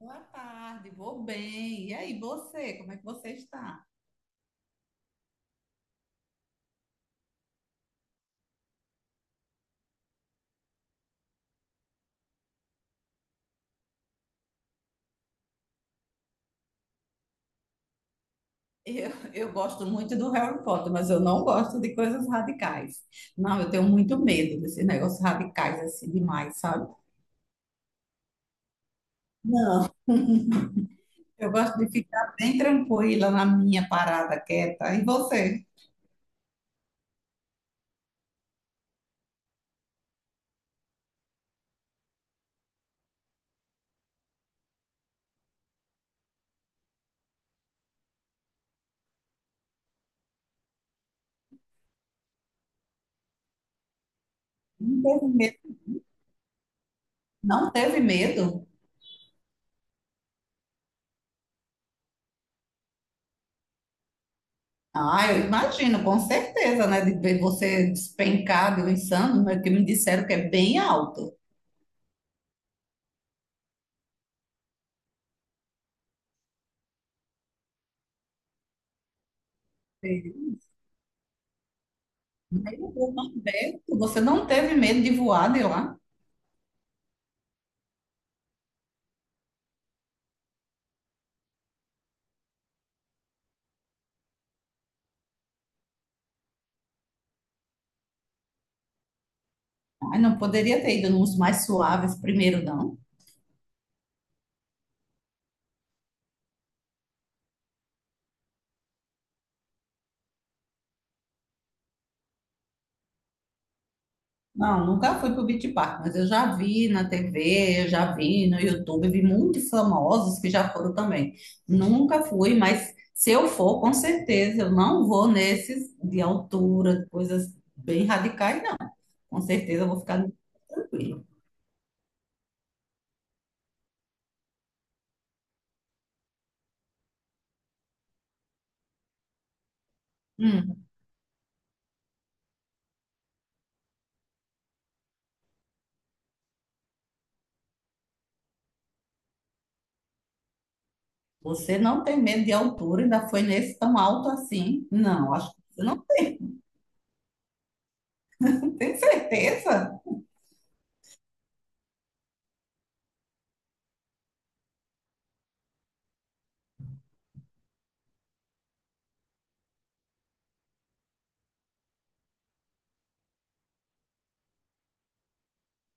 Boa tarde, vou bem. E aí, você? Como é que você está? Eu gosto muito do Harry Potter, mas eu não gosto de coisas radicais. Não, eu tenho muito medo desses negócios radicais assim demais, sabe? Não. Eu gosto de ficar bem tranquila na minha parada quieta. E você? Não teve medo? Não teve medo? Ah, eu imagino, com certeza, né? De ver você despencado, insano, né, que me disseram que é bem alto. Sim. Meu Deus, mas Beto, você não teve medo de voar de lá? Ai, não poderia ter ido nos mais suaves primeiro, não? Não, nunca fui pro o Beach Park, mas eu já vi na TV, eu já vi no YouTube, vi muitos famosos que já foram também. Nunca fui, mas se eu for, com certeza, eu não vou nesses de altura, coisas bem radicais, com certeza eu vou ficar tranquilo. Hum, Você não tem medo de altura, ainda foi nesse tão alto assim? Não, acho que você não tem. Tem certeza.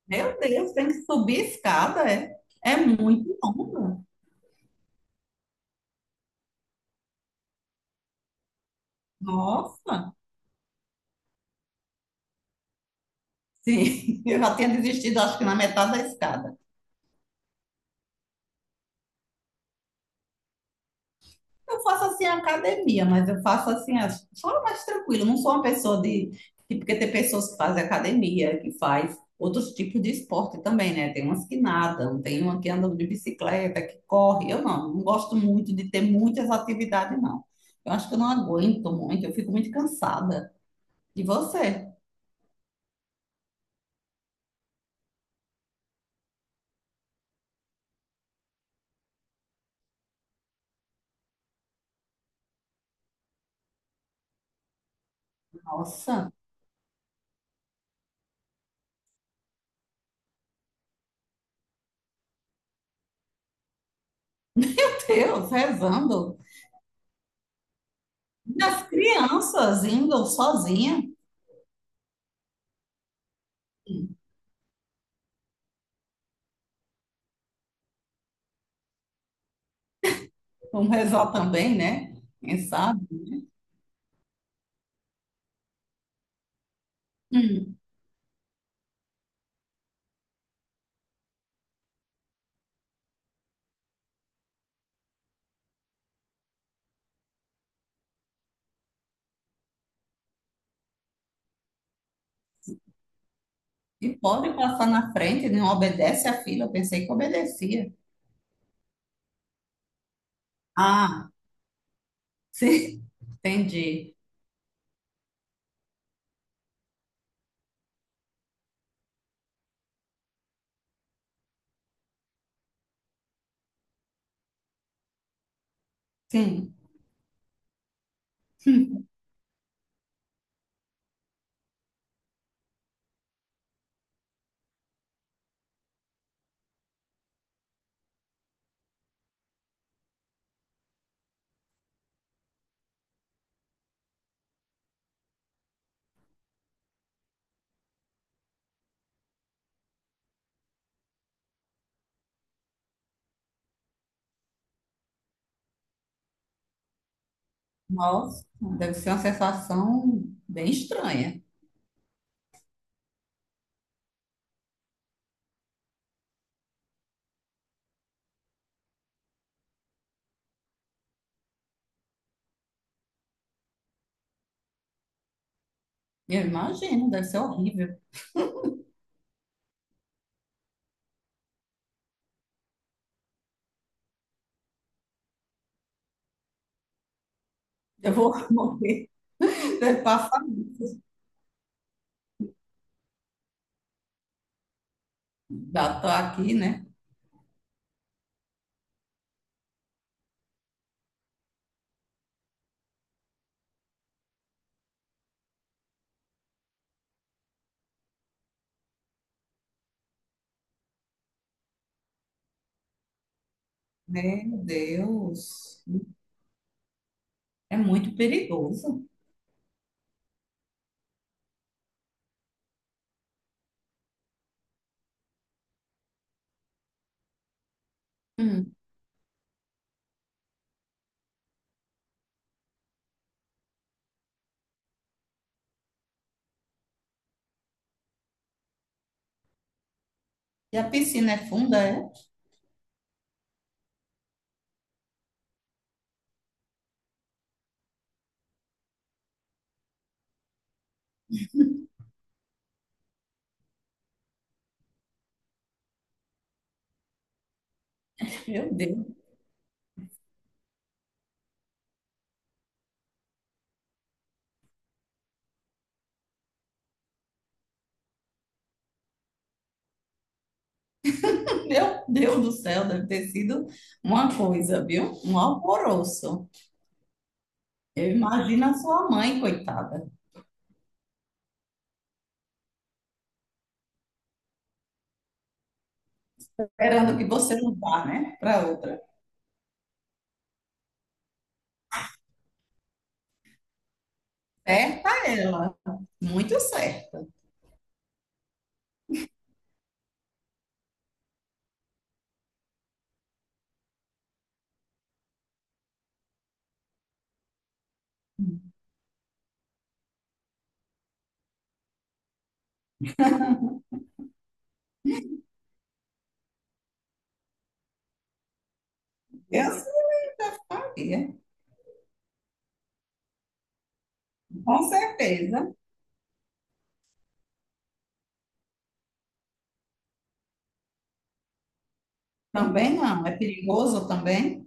Meu Deus, tem que subir a escada, é? É muito longa. Nossa, sim, eu já tinha desistido, acho que na metade da escada. Eu faço assim academia, mas eu faço assim, só mais tranquilo. Eu não sou uma pessoa de. Porque tem pessoas que fazem academia, que faz outros tipos de esporte também, né? Tem umas que nadam, tem uma que anda de bicicleta, que corre. Eu não, não gosto muito de ter muitas atividades, não. Eu acho que eu não aguento muito, eu fico muito cansada. E você? Nossa, Deus, rezando. E as crianças indo sozinha. Vamos rezar também, né? Quem sabe? E pode passar na frente, não obedece à fila. Eu pensei que obedecia. Ah, sim, entendi. Sim. Nossa, deve ser uma sensação bem estranha. Eu imagino, deve ser horrível. Eu vou morrer, deve passar. Já tô aqui, né? Meu Deus, é muito perigoso. Hum. E a piscina é funda, é? Meu Deus, meu Deus do céu, deve ter sido uma coisa, viu? Um alvoroço. Eu imagino a sua mãe, coitada, esperando que você não vá, né, para outra. Certa ela, muito certa. Eu sabia, com certeza. Também não, é perigoso também.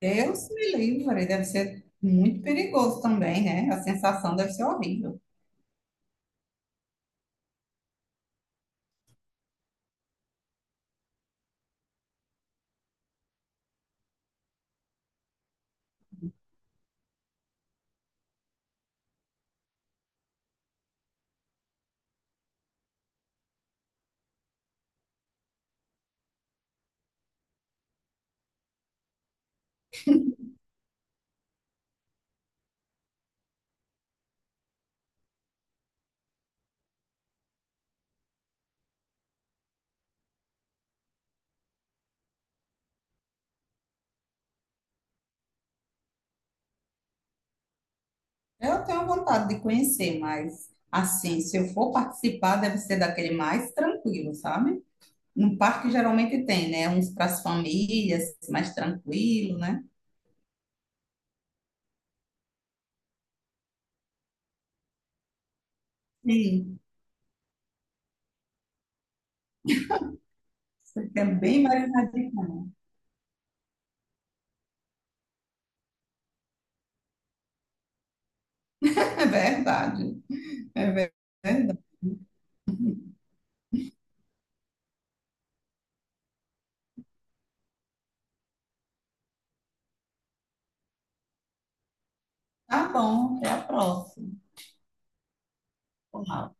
Deus me livre, deve ser muito perigoso também, né? A sensação deve ser horrível. Eu tenho vontade de conhecer, mas assim, se eu for participar, deve ser daquele mais tranquilo, sabe? No parque geralmente tem, né? Uns para as famílias, mais tranquilo, né? Sim, você é bem mais radical. É verdade. É verdade. Tá bom, até a próxima. Olá.